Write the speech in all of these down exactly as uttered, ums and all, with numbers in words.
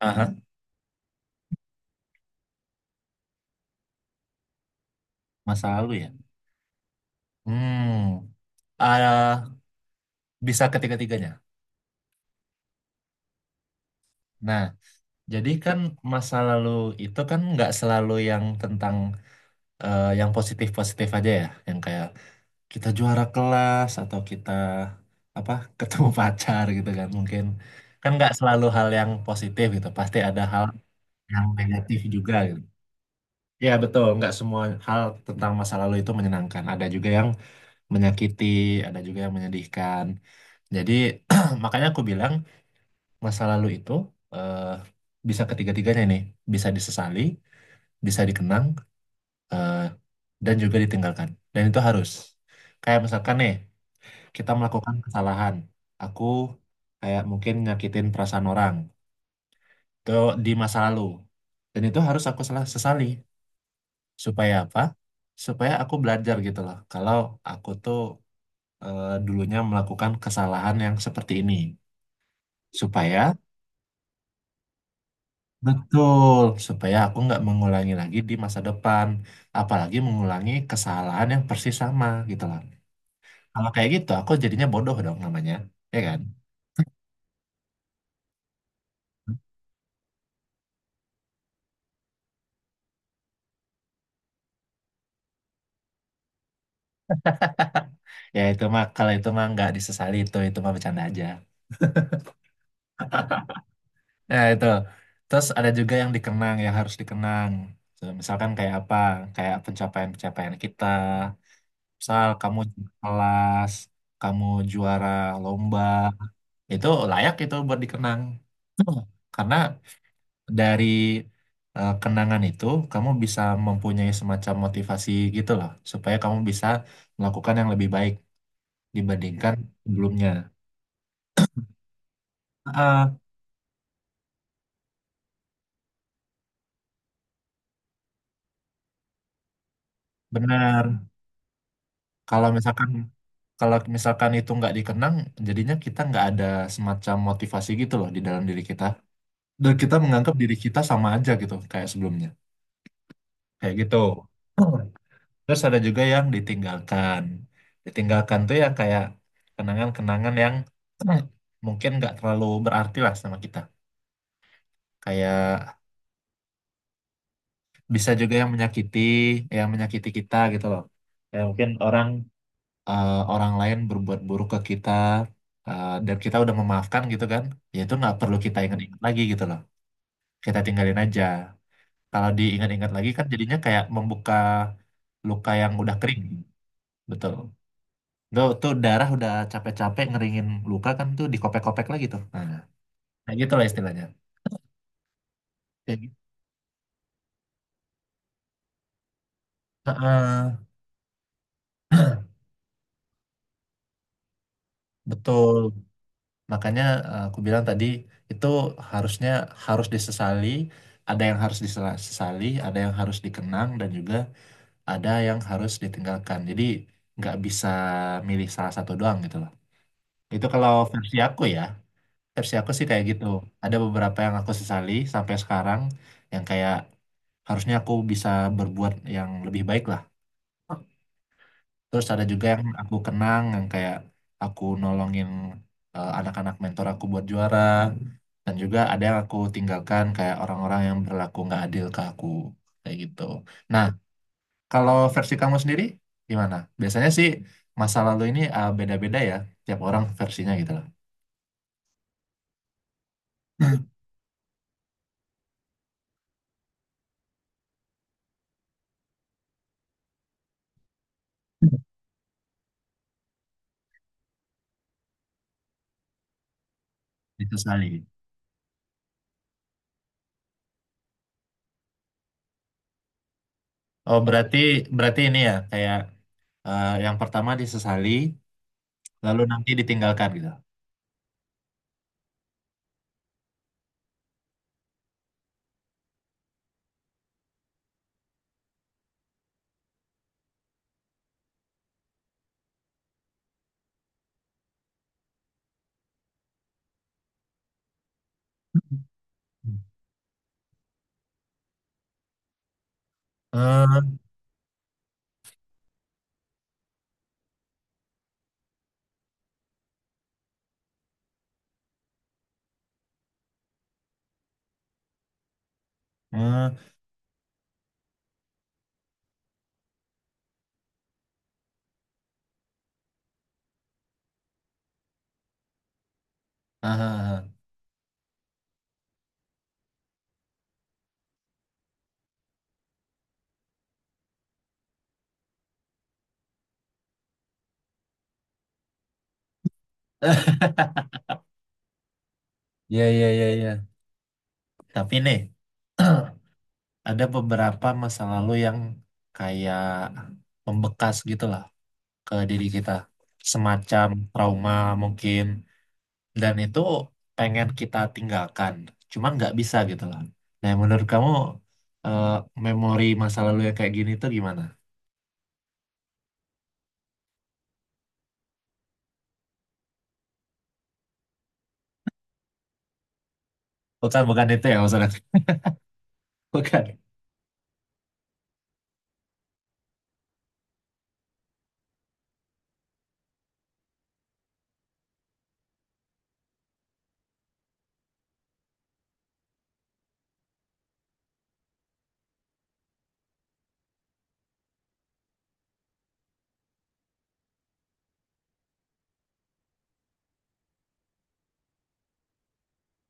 Aha, masa lalu ya. Hmm, ah, bisa ketiga-tiganya. Nah, jadi kan masa lalu itu kan nggak selalu yang tentang eh, yang positif-positif aja ya, yang kayak kita juara kelas atau kita apa ketemu pacar gitu kan mungkin kan nggak selalu hal yang positif gitu, pasti ada hal yang negatif juga gitu. Ya betul, nggak semua hal tentang masa lalu itu menyenangkan. Ada juga yang menyakiti, ada juga yang menyedihkan. Jadi makanya aku bilang masa lalu itu eh, bisa ketiga-tiganya nih, bisa disesali, bisa dikenang, eh, dan juga ditinggalkan. Dan itu harus. Kayak misalkan nih, kita melakukan kesalahan. Aku kayak mungkin nyakitin perasaan orang. Itu di masa lalu. Dan itu harus aku salah sesali. Supaya apa? Supaya aku belajar gitu loh. Kalau aku tuh eh, dulunya melakukan kesalahan yang seperti ini. Supaya betul, supaya aku nggak mengulangi lagi di masa depan, apalagi mengulangi kesalahan yang persis sama gitu loh. Kalau kayak gitu, aku jadinya bodoh dong namanya, ya kan? Ya itu mah, kalau itu mah nggak disesali itu, itu mah bercanda aja. Nah itu, terus ada juga yang dikenang, yang harus dikenang. So, misalkan kayak apa, kayak pencapaian-pencapaian kita. Misal kamu juara kelas, kamu juara lomba, itu layak itu buat dikenang. Karena dari eh, kenangan itu kamu bisa mempunyai semacam motivasi gitu loh supaya kamu bisa melakukan yang lebih baik dibandingkan sebelumnya. Ah, benar. Kalau misalkan kalau misalkan itu nggak dikenang, jadinya kita nggak ada semacam motivasi gitu loh di dalam diri kita. Dan kita menganggap diri kita sama aja gitu kayak sebelumnya. Kayak gitu. Terus ada juga yang ditinggalkan. Ditinggalkan tuh ya kayak kenangan-kenangan yang mungkin nggak terlalu berarti lah sama kita. Kayak bisa juga yang menyakiti, yang menyakiti kita gitu loh. Kayak mungkin orang eh, orang lain berbuat buruk ke kita eh, dan kita udah memaafkan gitu kan. Ya itu nggak perlu kita ingat-ingat lagi gitu loh. Kita tinggalin aja. Kalau diingat-ingat lagi kan jadinya kayak membuka luka yang udah kering. Betul. Tuh, tuh darah udah capek-capek ngeringin luka kan tuh dikopek-kopek lagi tuh. Nah, kayak gitu lah istilahnya. Kayak gitu. Heeh, betul. Makanya eh, aku bilang tadi itu harusnya harus disesali, ada yang harus disesali, ada yang harus dikenang dan juga ada yang harus ditinggalkan. Jadi nggak bisa milih salah satu doang gitu loh. Itu kalau versi aku ya, versi aku sih kayak gitu. Ada beberapa yang aku sesali sampai sekarang yang kayak harusnya aku bisa berbuat yang lebih baik lah. Terus ada juga yang aku kenang yang kayak aku nolongin eh, anak-anak mentor aku buat juara. Dan juga ada yang aku tinggalkan kayak orang-orang yang berlaku nggak adil ke aku kayak gitu. Nah, kalau versi kamu sendiri gimana? Biasanya sih masa lalu ini eh, beda-beda ya, tiap orang versinya gitu lah. Disesali. Oh, berarti berarti ini ya kayak eh, yang pertama disesali, lalu nanti ditinggalkan gitu. Eh, eh, ah, ah, ah. Ya, ya, ya, ya. Tapi nih, ada beberapa masa lalu yang kayak membekas gitu lah ke diri kita. Semacam trauma mungkin. Dan itu pengen kita tinggalkan. Cuma nggak bisa gitu lah. Nah, menurut kamu eh, memori masa lalu yang kayak gini tuh gimana? Bukan, bukan itu ya maksudnya. Bukan.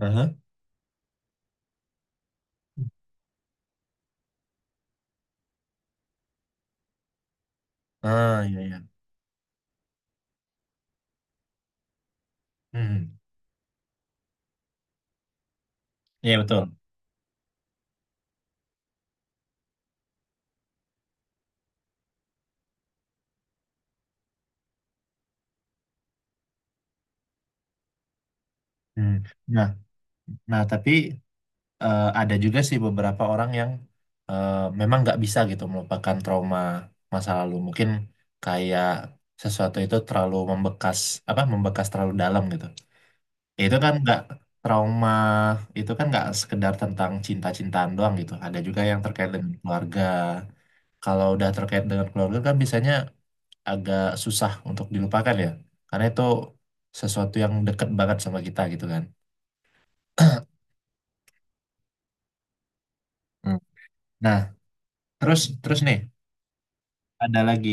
Aha. Ah, iya, iya. Hmm. Iya, betul. Hmm. Nah, nah tapi eh, ada juga sih beberapa orang yang eh, memang nggak bisa gitu melupakan trauma masa lalu. Mungkin kayak sesuatu itu terlalu membekas, apa membekas terlalu dalam gitu. Ya, itu kan nggak trauma itu kan nggak sekedar tentang cinta-cintaan doang gitu. Ada juga yang terkait dengan keluarga. Kalau udah terkait dengan keluarga kan biasanya agak susah untuk dilupakan ya, karena itu sesuatu yang deket banget sama kita gitu kan. Hmm. Nah, terus terus nih. Ada lagi.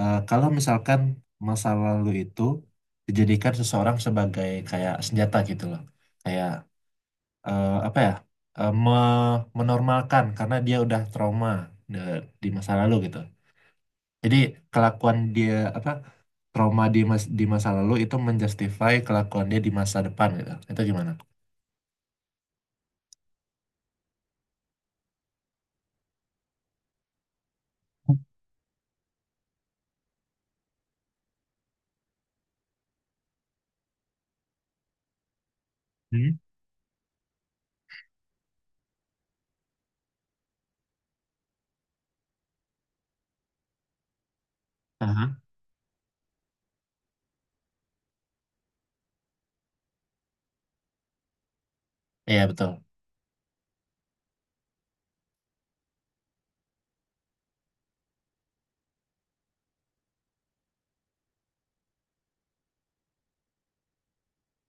Eh, kalau misalkan masa lalu itu dijadikan seseorang sebagai kayak senjata gitu loh, kayak eh, apa ya, Eh, me- menormalkan karena dia udah trauma de- di masa lalu gitu, jadi kelakuan dia apa, trauma di mas- di masa lalu itu menjustify kelakuan dia di masa depan gitu itu gimana? Hmm? Aha. Iya betul.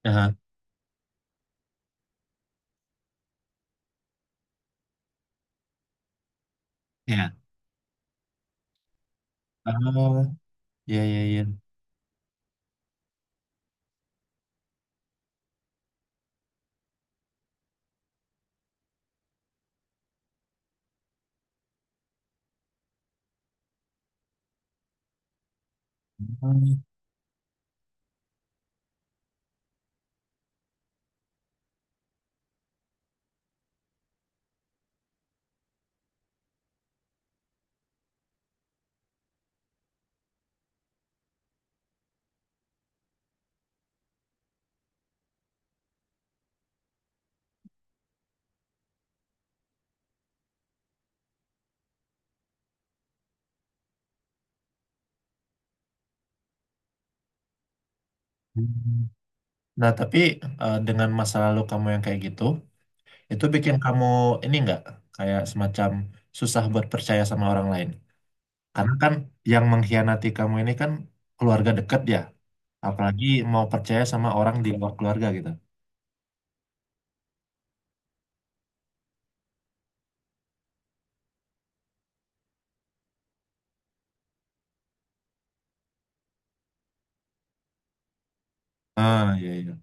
Aha. Iya. Oh, iya iya iya. Hmm. Nah, tapi eh, dengan masa lalu kamu yang kayak gitu, itu bikin kamu ini nggak kayak semacam susah buat percaya sama orang lain. Karena kan yang mengkhianati kamu ini kan keluarga dekat ya, apalagi mau percaya sama orang di luar keluarga gitu. Ah, iya iya.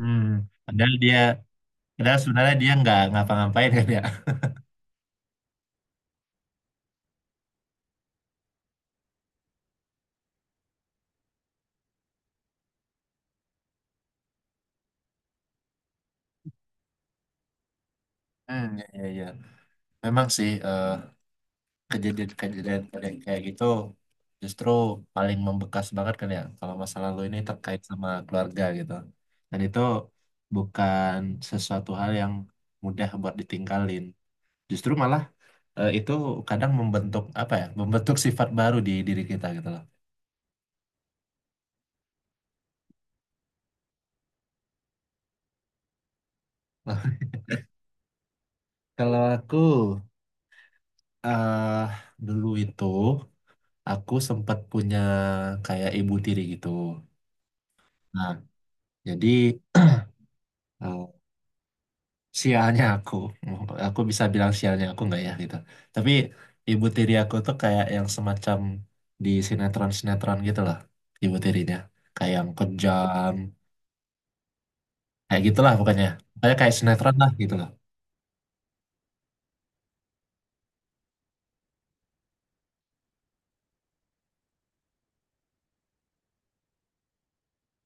Hmm, padahal dia, padahal sebenarnya dia nggak ngapa-ngapain kan ya. Hmm, iya iya. Iya. Memang sih eh, kejadian-kejadian kayak kayak gitu justru paling membekas banget kan ya kalau masa lalu ini terkait sama keluarga gitu, dan itu bukan sesuatu hal yang mudah buat ditinggalin, justru malah eh, itu kadang membentuk apa ya, membentuk sifat baru di diri kita gitu loh. Nah, kalau aku eh dulu itu aku sempat punya kayak ibu tiri gitu. Nah, jadi sialnya aku aku bisa bilang sialnya aku nggak ya gitu, tapi ibu tiri aku tuh kayak yang semacam di sinetron-sinetron gitu lah, ibu tirinya kayak yang kejam, kayak gitulah pokoknya, kayak kayak sinetron lah gitu lah.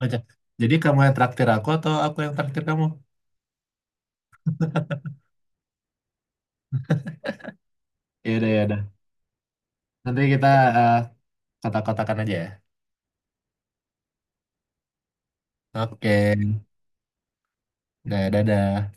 Aja. Jadi kamu yang traktir aku atau aku yang traktir kamu? Ya udah ya udah nanti kita eh, kotak-kotakan aja ya. Oke. Nah, dadah.